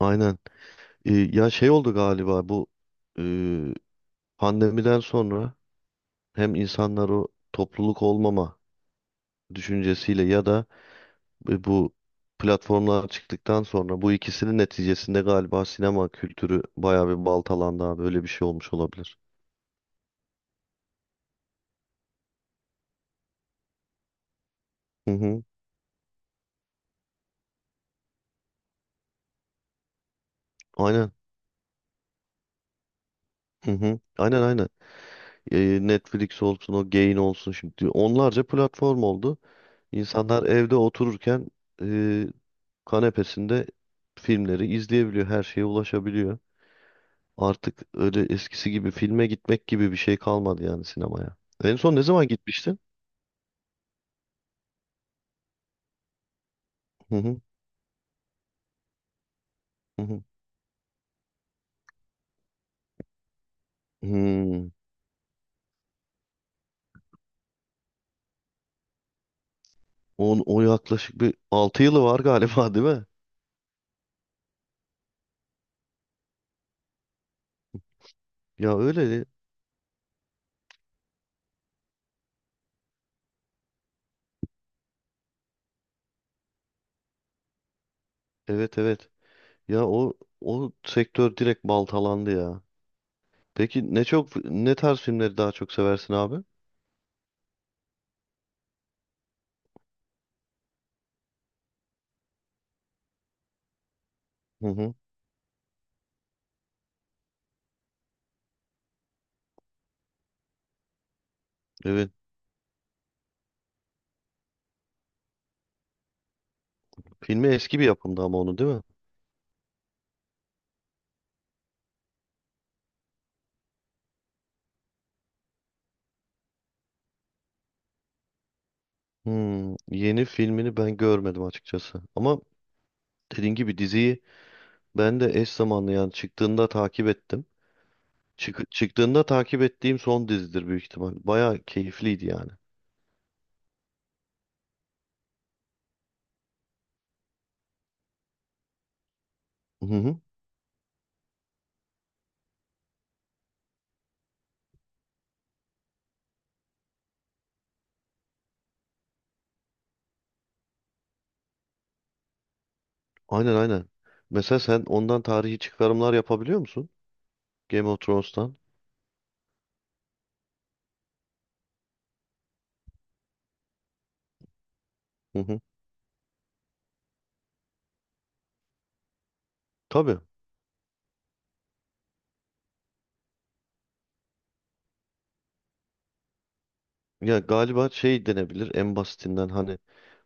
Aynen. Ya şey oldu galiba bu e, pandemiden sonra hem insanlar o topluluk olmama düşüncesiyle ya da bu platformlar çıktıktan sonra bu ikisinin neticesinde galiba sinema kültürü bayağı bir baltalandı abi. Öyle bir şey olmuş olabilir. Hı hı. Aynen. Hı hı. Aynen aynen. Netflix olsun o Gain olsun şimdi onlarca platform oldu. İnsanlar evde otururken e, kanepesinde filmleri izleyebiliyor. Her şeye ulaşabiliyor. Artık öyle eskisi gibi filme gitmek gibi bir şey kalmadı yani sinemaya. En son ne zaman gitmiştin? Hı hı, hı hı. Hmm. On, o yaklaşık bir 6 yılı var galiba değil mi? Ya öyle. Evet evet. Ya o sektör direkt baltalandı ya. Peki ne çok ne tarz filmleri daha çok seversin abi? Hı hı. Evet. Filmi eski bir yapımdı ama onu değil mi? Hmm. Yeni filmini ben görmedim açıkçası. Ama dediğin gibi diziyi ben de eş zamanlı yani çıktığında takip ettim. Çıktığında takip ettiğim son dizidir büyük ihtimal. Baya keyifliydi yani. Hı hı. Aynen aynen. Mesela sen ondan tarihi çıkarımlar yapabiliyor musun? Game of Thrones'tan. Hı hı. Tabii. Ya galiba şey denebilir en basitinden hani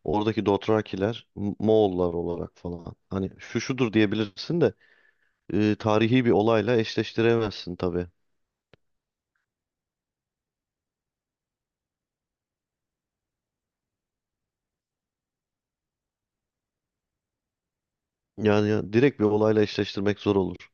oradaki Dothrakiler Moğollar olarak falan. Hani şu şudur diyebilirsin de tarihi bir olayla eşleştiremezsin tabii. Yani ya, direkt bir olayla eşleştirmek zor olur.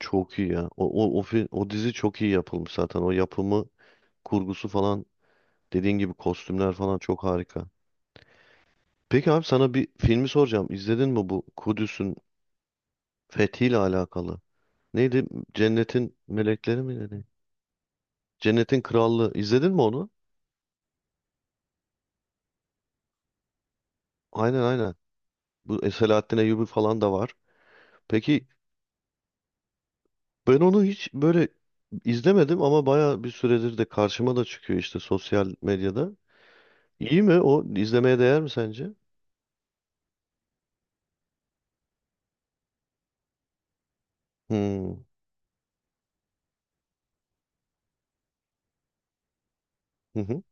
Çok iyi ya. O dizi çok iyi yapılmış zaten. O yapımı, kurgusu falan dediğin gibi kostümler falan çok harika. Peki abi sana bir filmi soracağım. İzledin mi bu Kudüs'ün fethiyle alakalı? Neydi? Cennetin melekleri mi dedi? Cennetin krallığı. İzledin mi onu? Aynen aynen. Bu Selahattin Eyyubi falan da var. Peki ben onu hiç böyle izlemedim ama baya bir süredir de karşıma da çıkıyor işte sosyal medyada. İyi mi o? İzlemeye değer mi sence? Hmm. Hı hı.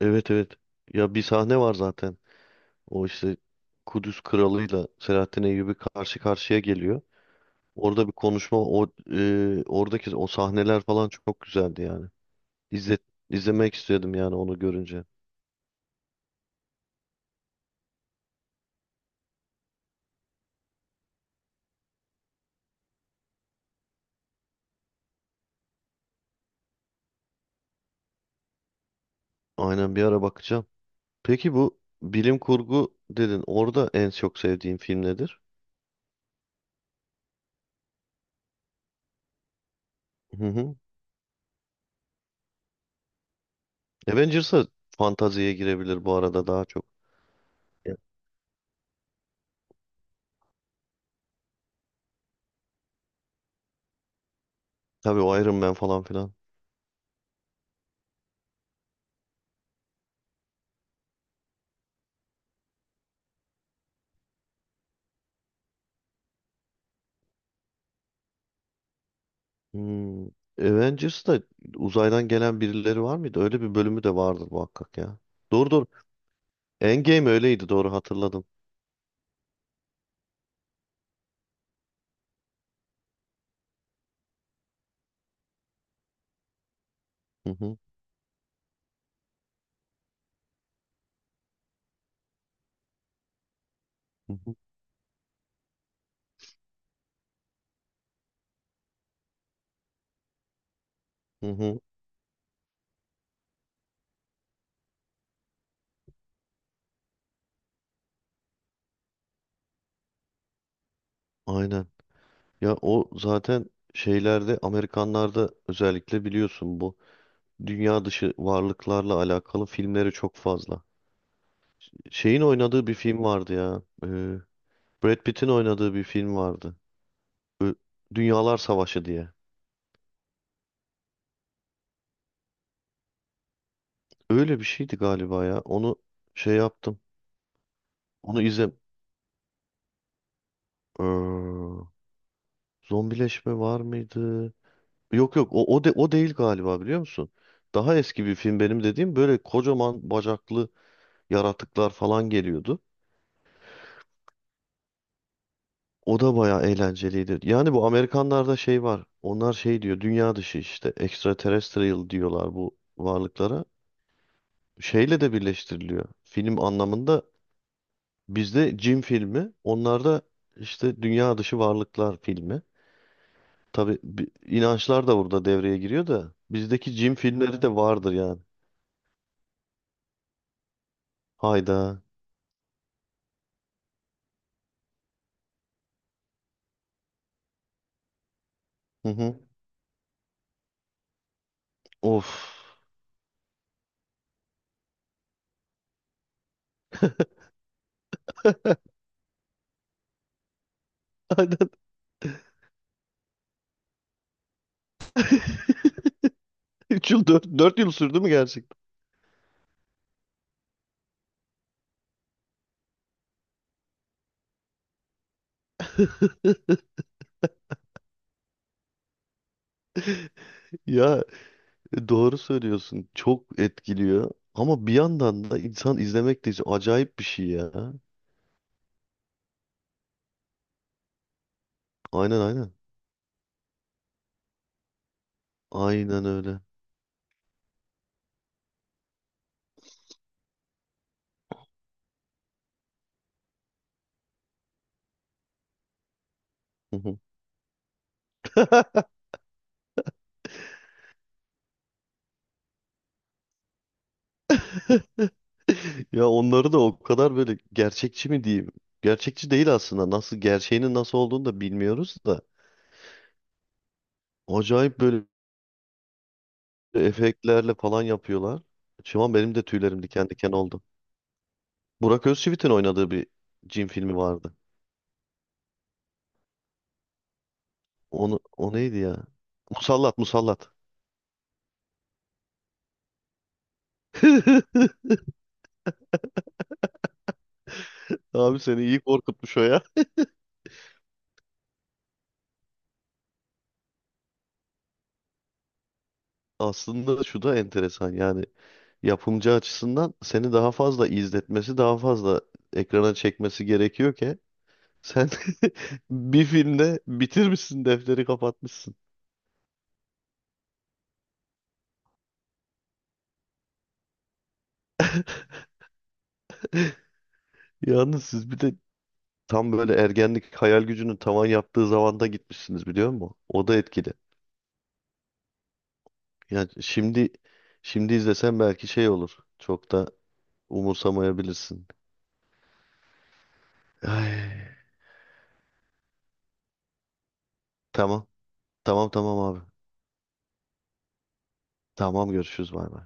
Evet evet. Ya bir sahne var zaten. O işte Kudüs kralıyla Selahattin Eyyubi karşı karşıya geliyor. Orada bir konuşma oradaki o sahneler falan çok güzeldi yani. İzle, izlemek istedim yani onu görünce. Aynen bir ara bakacağım. Peki bu bilim kurgu dedin. Orada en çok sevdiğin film nedir? Hı hı. Avengers'a fantaziye girebilir bu arada daha çok. Ya, tabii o Iron Man falan filan. Hmm. Avengers'ta uzaydan gelen birileri var mıydı? Öyle bir bölümü de vardır muhakkak ya. Doğru doğru. Endgame öyleydi doğru hatırladım. Hı hı, hı hı, hı hı, aynen. Ya o zaten şeylerde Amerikanlarda özellikle biliyorsun bu dünya dışı varlıklarla alakalı filmleri çok fazla. Şeyin oynadığı bir film vardı ya. Brad Pitt'in oynadığı bir film vardı. Ö- Dünyalar Savaşı diye. Öyle bir şeydi galiba ya. Onu şey yaptım. Onu izle. Ee, Zombileşme var mıydı? Yok yok o değil galiba biliyor musun? Daha eski bir film benim dediğim böyle kocaman bacaklı yaratıklar falan geliyordu. O da bayağı eğlenceliydi. Yani bu Amerikanlarda şey var. Onlar şey diyor dünya dışı işte extraterrestrial diyorlar bu varlıklara. Şeyle de birleştiriliyor. Film anlamında bizde cin filmi, onlarda işte dünya dışı varlıklar filmi. Tabii inançlar da burada devreye giriyor da bizdeki cin filmleri de vardır yani. Hayda. Hı hı. Of. Aynen. Üç yıl dört yıl sürdü mü gerçekten? Ya doğru söylüyorsun. Çok etkiliyor. Ama bir yandan da insan izlemek de acayip bir şey ya. Aynen aynen. Aynen öyle. Ya onları da o kadar böyle gerçekçi mi diyeyim? Gerçekçi değil aslında. Nasıl gerçeğinin nasıl olduğunu da bilmiyoruz da. Acayip böyle efektlerle falan yapıyorlar. Şu an benim de tüylerim diken diken oldu. Burak Özçivit'in oynadığı bir cin filmi vardı. Onu o neydi ya? Musallat, Musallat. Abi seni iyi korkutmuş o ya. Aslında şu da enteresan yani yapımcı açısından seni daha fazla izletmesi, daha fazla ekrana çekmesi gerekiyor ki sen bir filmde bitirmişsin, defteri kapatmışsın. Yalnız siz bir de tam böyle ergenlik hayal gücünün tavan yaptığı zamanda gitmişsiniz biliyor musun? O da etkili. Ya şimdi izlesen belki şey olur. Çok da umursamayabilirsin. Ay, tamam. Tamam tamam abi. Tamam görüşürüz bay bay.